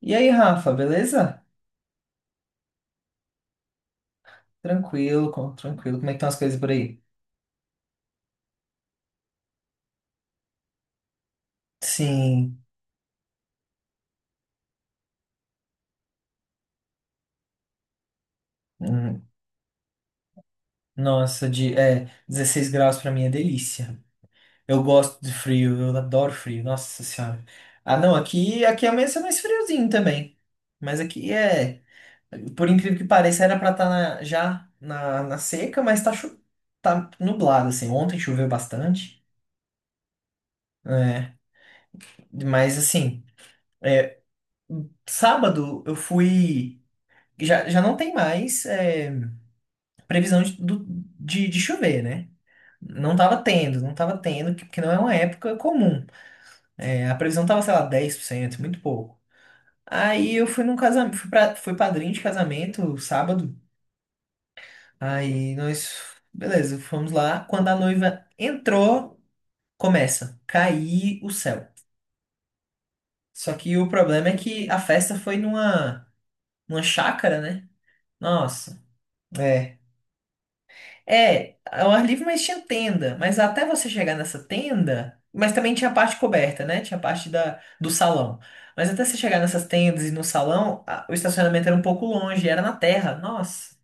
E aí, Rafa, beleza? Tranquilo, tranquilo. Como é que estão as coisas por aí? Sim. hum, Nossa, 16 graus pra mim é delícia. Eu gosto de frio, eu adoro frio. Nossa Senhora. Ah, não, aqui amanhece mais friozinho também. Mas aqui é, por incrível que pareça, era pra estar já na seca, mas tá nublado, assim. Ontem choveu bastante. É, mas assim, sábado eu fui. Já, já não tem mais. Previsão de chover, né? Não tava tendo, porque não é uma época comum. É, a previsão tava, sei lá, 10%, muito pouco. Aí eu fui num casamento, fui padrinho de casamento sábado. Aí nós, beleza, fomos lá. Quando a noiva entrou, começa a cair o céu. Só que o problema é que a festa foi numa, chácara, né? Nossa. É. É, ao ar livre, mas tinha tenda. Mas até você chegar nessa tenda, mas também tinha a parte coberta, né? Tinha a parte da, do salão. Mas até você chegar nessas tendas e no salão, o estacionamento era um pouco longe, era na terra. Nossa,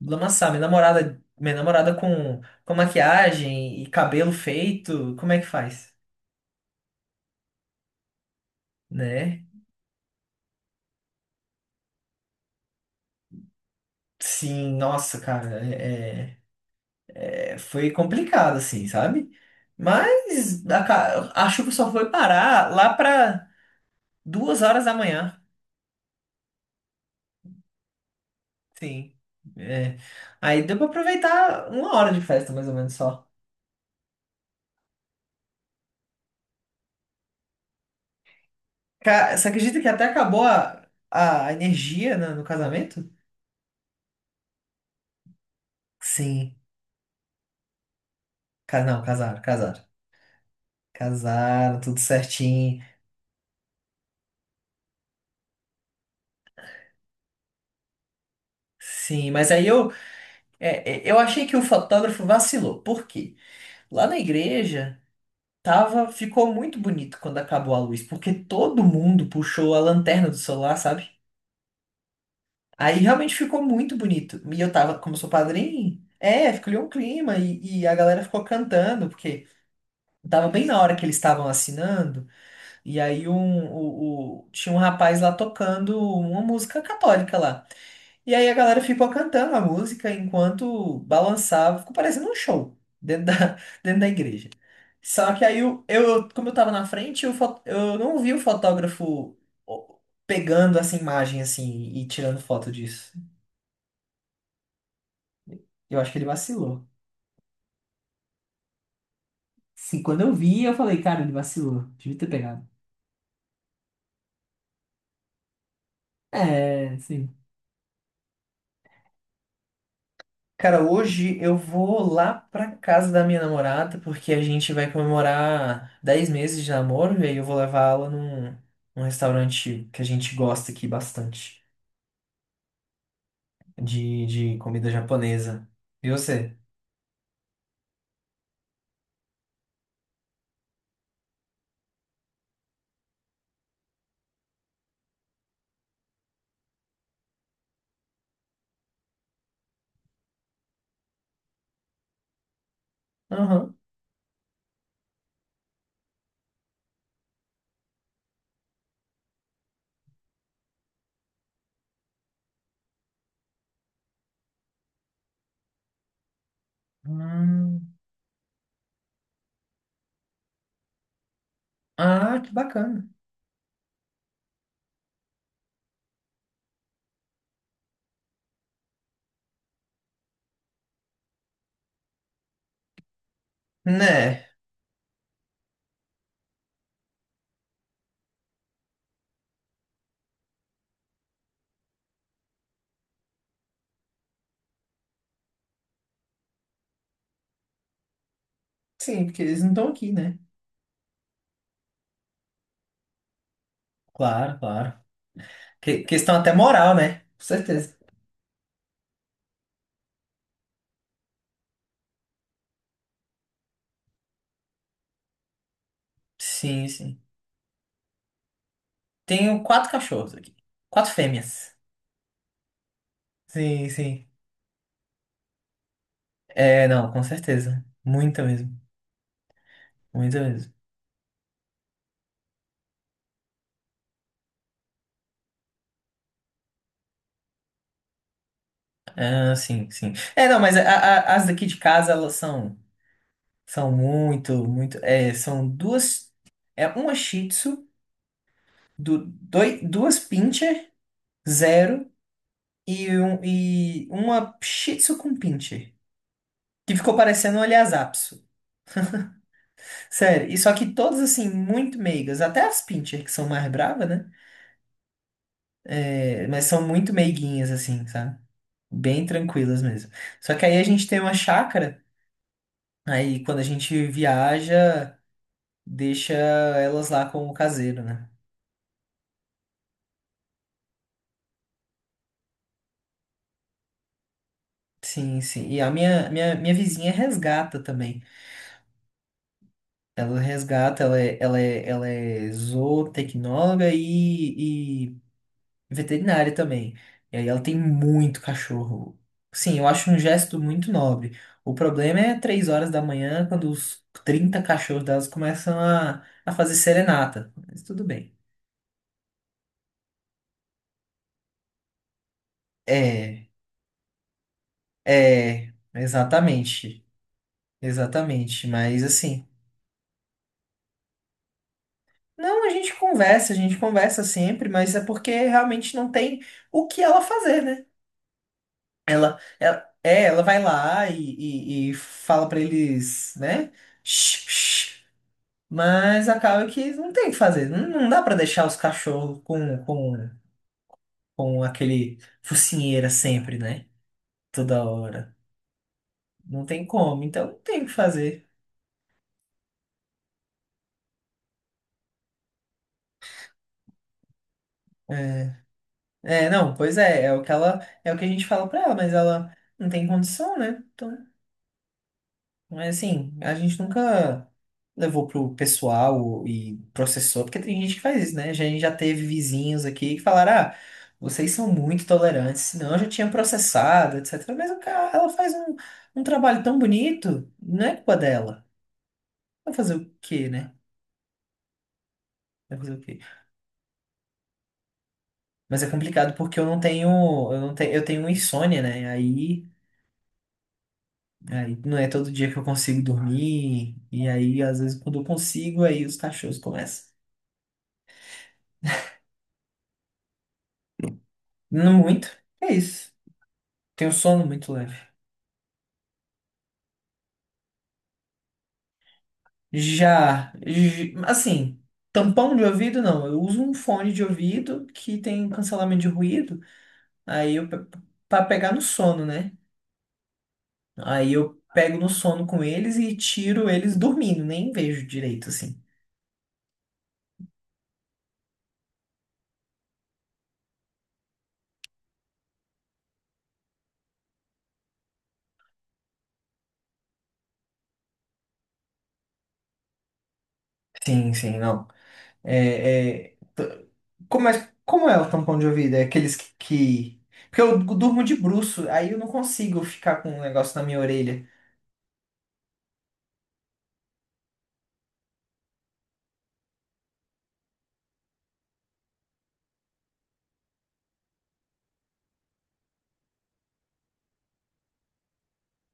lamaçal. Minha namorada com maquiagem e cabelo feito, como é que faz? Né? Sim, nossa, cara, foi complicado, assim, sabe? Mas a chuva só foi parar lá para 2 horas da manhã. Sim. É. Aí deu pra aproveitar uma hora de festa, mais ou menos só. Você acredita que até acabou a energia no casamento? Sim. Não, casaram, casaram. Casaram, tudo certinho. Sim, mas aí eu achei que o fotógrafo vacilou. Por quê? Lá na igreja ficou muito bonito quando acabou a luz, porque todo mundo puxou a lanterna do celular, sabe? Aí realmente ficou muito bonito. E eu tava, como eu sou padrinho, ficou um clima e a galera ficou cantando, porque tava bem na hora que eles estavam assinando, e aí tinha um rapaz lá tocando uma música católica lá. E aí a galera ficou cantando a música enquanto balançava, ficou parecendo um show dentro da, dentro da igreja. Só que aí como eu tava na frente, eu não vi o fotógrafo ó, pegando essa imagem assim e tirando foto disso. Eu acho que ele vacilou. Sim, quando eu vi, eu falei, cara, ele vacilou. Devia ter pegado. É, sim. Cara, hoje eu vou lá pra casa da minha namorada, porque a gente vai comemorar 10 meses de namoro, e aí eu vou levar ela num, restaurante que a gente gosta aqui bastante, de comida japonesa. E você? Aham. Hum. Ah, que bacana. Né? Sim, porque eles não estão aqui, né? Claro, claro. Questão até moral, né? Com certeza. Sim, sim. Tenho quatro cachorros aqui. Quatro fêmeas. Sim, sim. É, não, com certeza. Muita mesmo. Muita mesmo. Ah, sim, sim. É, não, mas as daqui de casa, elas são muito, muito. É, são duas. É uma Shih Tzu, duas Pinscher, zero, e uma Shih Tzu com Pinscher. Que ficou parecendo um Lhasa Apso. Sério. E só que todas, assim, muito meigas. Até as Pinscher, que são mais bravas, né? É, mas são muito meiguinhas, assim, sabe? Bem tranquilas mesmo. Só que aí a gente tem uma chácara, aí quando a gente viaja, deixa elas lá com o caseiro, né? Sim, sim. E a minha vizinha resgata também. Ela resgata, ela é zootecnóloga e, veterinária também. E aí ela tem muito cachorro. Sim, eu acho um gesto muito nobre. O problema é 3 horas da manhã, quando os 30 cachorros delas começam a fazer serenata. Mas tudo bem. É, é, exatamente. Exatamente. Mas assim. Não, a gente conversa sempre, mas é porque realmente não tem o que ela fazer, né? Ela vai lá e, fala pra eles, né? Shh, shh. Mas acaba que não tem o que fazer. Não, não dá pra deixar os cachorros com aquele focinheira sempre, né? Toda hora. Não tem como, então não tem o que fazer. É, é, não, pois é, é o que a gente fala pra ela, mas ela não tem condição, né? Então. Mas assim, a gente nunca levou pro pessoal e processou, porque tem gente que faz isso, né? A gente já teve vizinhos aqui que falaram, ah, vocês são muito tolerantes, senão eu já tinha processado, etc. Mas o cara, ela faz um trabalho tão bonito, não é culpa dela. Vai fazer o quê, né? Vai fazer o quê? Mas é complicado porque eu não tenho, eu não tenho, eu tenho insônia, né? Aí não é todo dia que eu consigo dormir, e aí às vezes quando eu consigo, aí os cachorros começam. Não muito. É isso. Tenho sono muito leve. Já, assim, tampão de ouvido não. Eu uso um fone de ouvido que tem cancelamento de ruído. Aí eu pe- pra pegar no sono, né? Aí eu pego no sono com eles e tiro eles dormindo, nem vejo direito assim. Sim, sim, não. É, é, t- como é o tampão de ouvido? É aqueles que? Porque eu durmo de bruço, aí eu não consigo ficar com um negócio na minha orelha.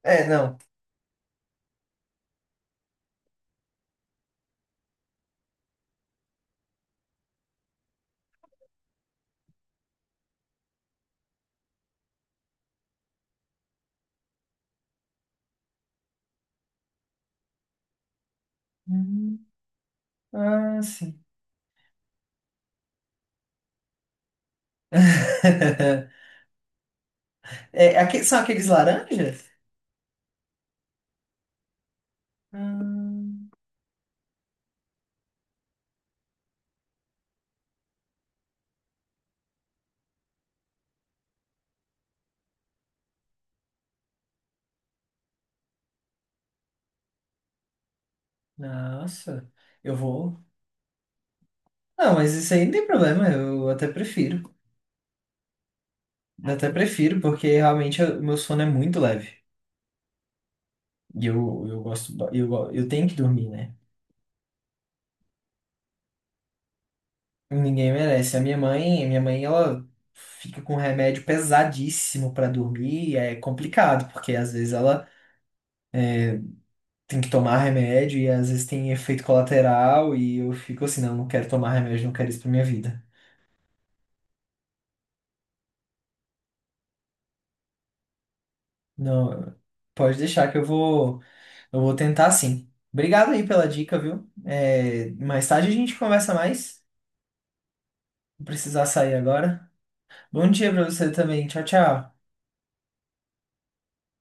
É, não. Ah, sim. É, são aqueles laranjas? Hum, Nossa, eu vou. Não, mas isso aí não tem problema, eu até prefiro. Eu até prefiro, porque realmente o meu sono é muito leve. E eu gosto, ba- eu, go- eu tenho que dormir, né? Ninguém merece. A minha mãe, ela fica com remédio pesadíssimo pra dormir, e é complicado, porque às vezes ela tem que tomar remédio e às vezes tem efeito colateral, e eu fico assim, não, não quero tomar remédio, não quero isso pra minha vida. Não, pode deixar que eu vou tentar sim. Obrigado aí pela dica, viu? É, mais tarde a gente conversa mais. Vou precisar sair agora. Bom dia pra você também. Tchau, tchau.